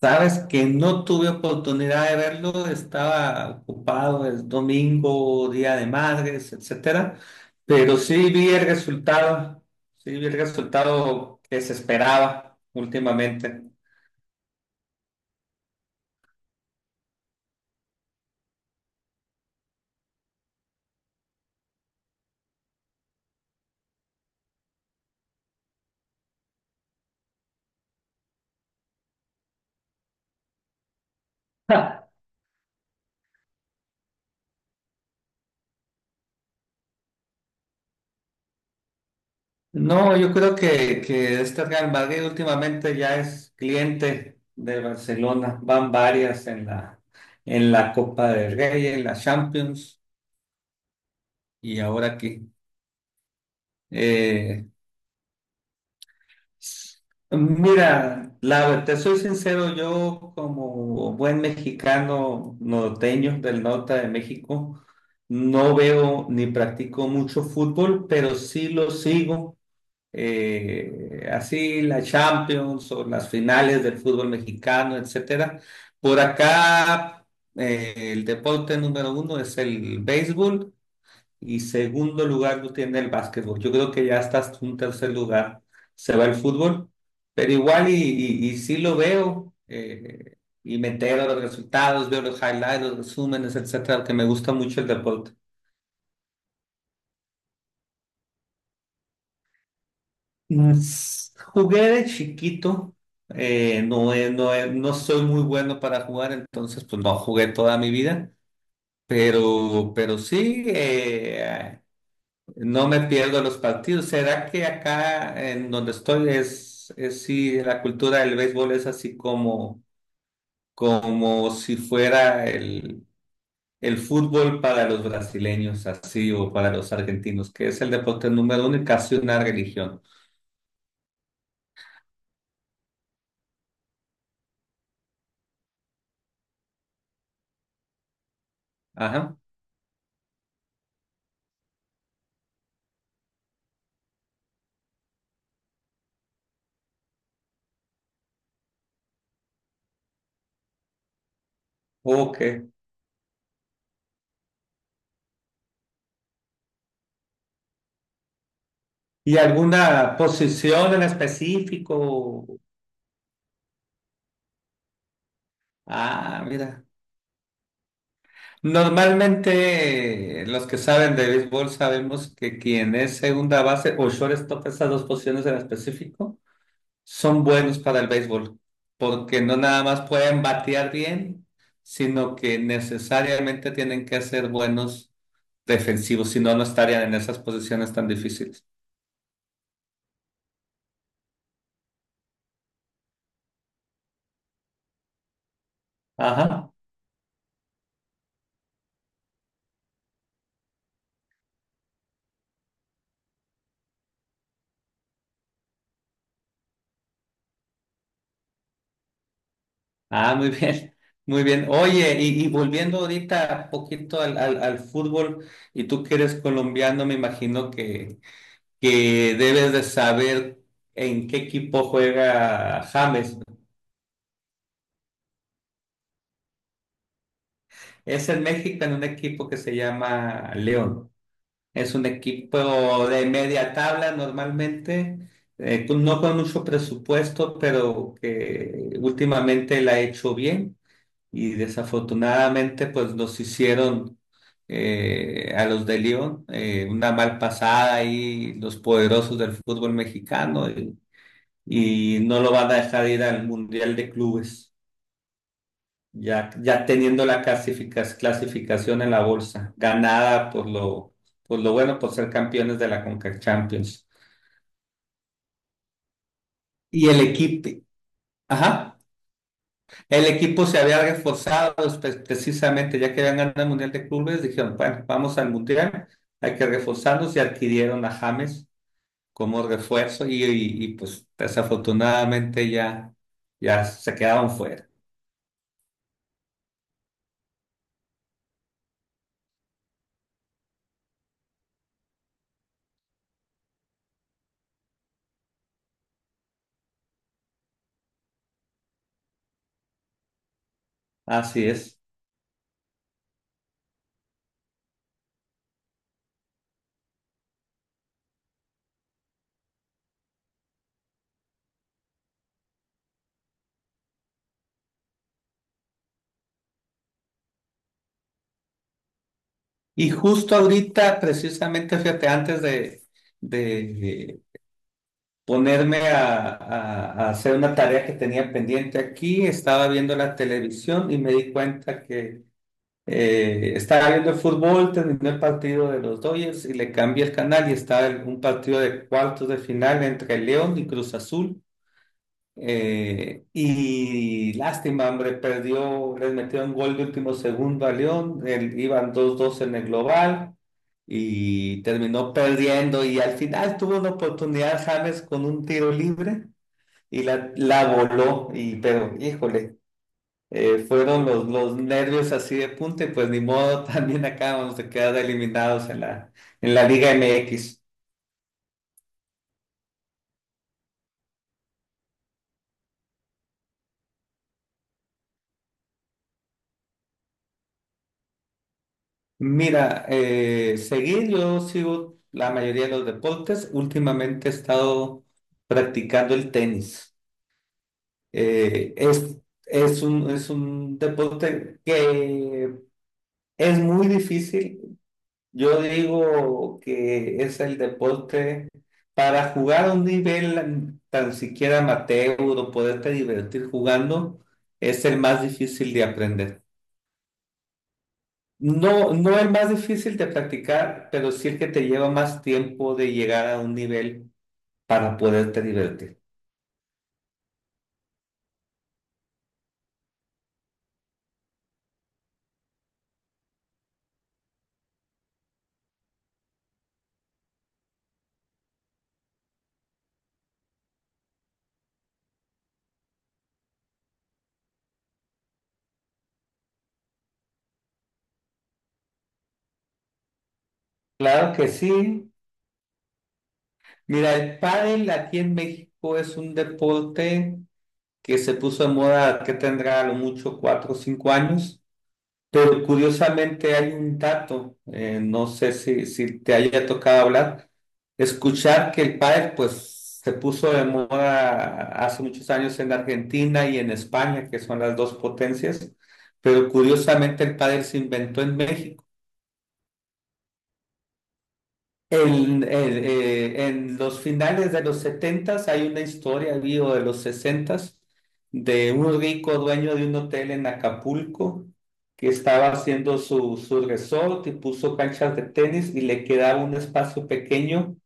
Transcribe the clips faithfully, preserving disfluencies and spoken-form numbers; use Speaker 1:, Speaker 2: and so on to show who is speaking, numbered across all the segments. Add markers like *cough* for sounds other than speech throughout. Speaker 1: Sabes que no tuve oportunidad de verlo, estaba ocupado el domingo, Día de Madres, etcétera, pero sí vi el resultado, sí vi el resultado que se esperaba últimamente. Ja. No, yo creo que, que este Real Madrid últimamente ya es cliente de Barcelona, van varias en la, en la Copa del Rey, en la Champions y ahora aquí. Eh, Mira, la, te soy sincero, yo como buen mexicano norteño del norte de México, no veo ni practico mucho fútbol, pero sí lo sigo. Eh, así la Champions o las finales del fútbol mexicano, etcétera. Por acá, eh, el deporte número uno es el béisbol. Y segundo lugar lo tiene el básquetbol. Yo creo que ya estás un tercer lugar. Se va el fútbol, pero igual y, y, y sí lo veo. Eh, y me entero de los resultados, veo los highlights, los resúmenes, etcétera, que me gusta mucho el deporte. Mm, s- Jugué de chiquito. Eh, no, he- no, he- no soy muy bueno para jugar, entonces pues no jugué toda mi vida. Pero, pero sí, eh, no me pierdo los partidos. ¿Será que acá en donde estoy es, es sí, la cultura del béisbol es así como, como si fuera el, el fútbol para los brasileños, así, o para los argentinos, que es el deporte número uno y casi una religión? Ajá. Ok. ¿Y alguna posición en específico? Ah, mira. Normalmente eh, los que saben de béisbol sabemos que quien es segunda base o shortstop, esas dos posiciones en específico, son buenos para el béisbol, porque no nada más pueden batear bien, sino que necesariamente tienen que ser buenos defensivos, si no, no estarían en esas posiciones tan difíciles. Ajá. Ah, muy bien, muy bien. Oye, y, y volviendo ahorita un poquito al, al al fútbol, y tú que eres colombiano, me imagino que que debes de saber en qué equipo juega James. Es en México en un equipo que se llama León. Es un equipo de media tabla normalmente, eh, con- no con mucho presupuesto, pero que últimamente la ha hecho bien y desafortunadamente pues nos hicieron eh, a los de León, eh, una mal pasada ahí, los poderosos del fútbol mexicano. Y no lo van a dejar ir al Mundial de Clubes, ya, ya teniendo la clasificas- clasificación en la bolsa, ganada por lo, por lo bueno, por ser campeones de la CONCACAF Champions. Y el equipo, ajá, el equipo se había reforzado, pues, precisamente, ya que habían ganado el Mundial de Clubes, dijeron, bueno, vamos al Mundial, hay que reforzarnos y adquirieron a James como refuerzo y, y y, pues desafortunadamente ya, ya se quedaron fuera. Así es. Y justo ahorita, precisamente, fíjate, antes de, de ponerme a, a- a hacer una tarea que tenía pendiente aquí, estaba viendo la televisión y me di cuenta que eh, estaba viendo el fútbol, terminó el partido de los Dodgers y le cambié el canal y estaba el- un partido de cuartos de final entre León y Cruz Azul. Eh, y lástima, hombre, perdió, les metió un gol de último segundo a León, el- iban dos 2 en el global y terminó perdiendo y al final tuvo una oportunidad James con un tiro libre y la, la voló, y pero híjole, eh, fueron los, los nervios así de punta y pues ni modo, *laughs* también acabamos de quedar eliminados en la, en la Liga M X. Mira, eh, seguir, yo sigo la mayoría de los deportes. Últimamente he estado practicando el tenis. Eh, es, es un, es un deporte que es muy difícil. Yo digo que es el deporte para jugar a un nivel tan siquiera amateur o poderte divertir jugando, es el más difícil de aprender. No, no el más difícil de practicar, pero sí el que te lleva más tiempo de llegar a un nivel para poderte divertir. Claro que sí. Mira, el pádel aquí en México es un deporte que se puso de moda, que tendrá a lo mucho cuatro o cinco años, pero curiosamente hay un dato, eh, no sé si, si te haya tocado hablar, escuchar que el pádel pues se puso de moda hace muchos años en Argentina y en España, que son las dos potencias, pero curiosamente el pádel se inventó en México. El- el, eh, en los finales de los setentas hay una historia, vivo de los sesentas, de un rico dueño de un hotel en Acapulco que estaba haciendo su, su resort y puso canchas de tenis y le quedaba un espacio pequeño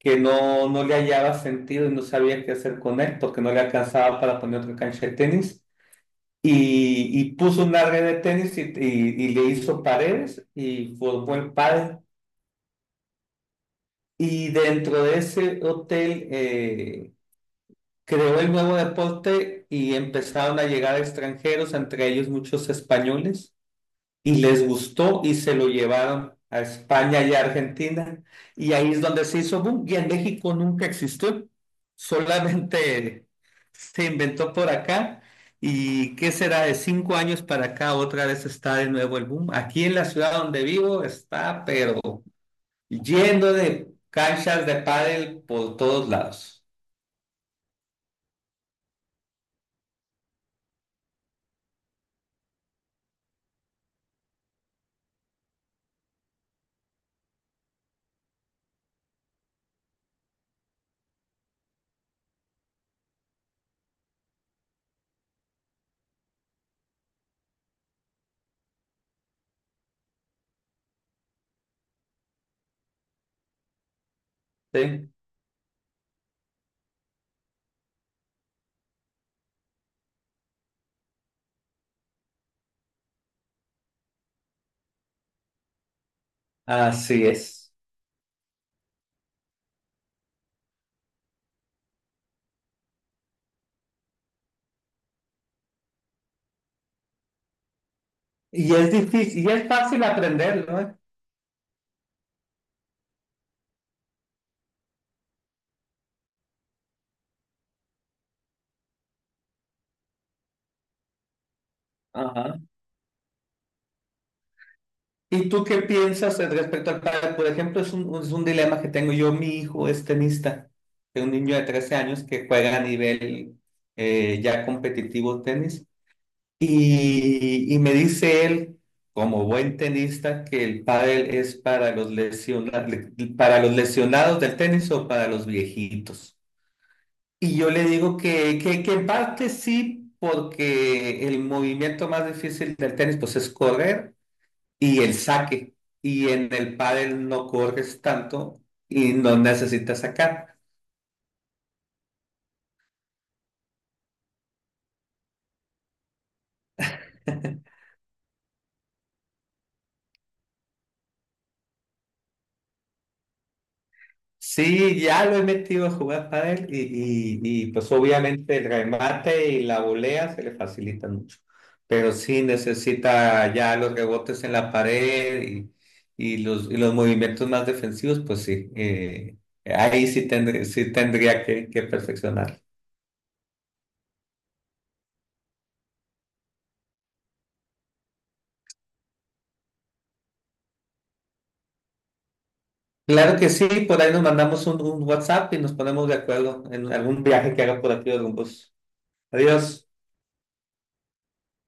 Speaker 1: que no, no le hallaba sentido y no sabía qué hacer con él porque no le alcanzaba para poner otra cancha de tenis. Y, y puso una red de tenis y, y- y le hizo paredes y formó el pádel. Y dentro de ese hotel, eh, creó el nuevo deporte y empezaron a llegar extranjeros, entre ellos muchos españoles y les gustó y se lo llevaron a España y a Argentina y ahí es donde se hizo boom y en México nunca existió, solamente *laughs* se inventó por acá y qué será de cinco años para acá otra vez está de nuevo el boom. Aquí en la ciudad donde vivo está pero yendo de canchas de pádel por todos lados. ¿Sí? Así es. Y es difícil, y es fácil aprenderlo, ¿eh? Ajá. ¿Y tú qué piensas al respecto al padre? Por ejemplo, es un, es un dilema que tengo yo. Mi hijo es tenista, es un niño de trece años que juega a nivel, eh, ya competitivo tenis. Y, y me dice él, como buen tenista, que el pádel es para los lesiona- le- para los lesionados del tenis o para los viejitos. Y yo le digo que, que, que en parte sí, porque el movimiento más difícil del tenis pues es correr y el saque. Y en el pádel no corres tanto y no necesitas sacar. Sí, ya lo he metido a jugar pádel y, y, y pues obviamente el remate y la volea se le facilitan mucho. Pero sí necesita ya los rebotes en la pared y, y los, y los movimientos más defensivos, pues sí. eh, ahí sí tendré sí tendría que, que perfeccionar. Claro que sí, por ahí nos mandamos un, un WhatsApp y nos ponemos de acuerdo en algún viaje que haga por aquí de Rumbos. Adiós.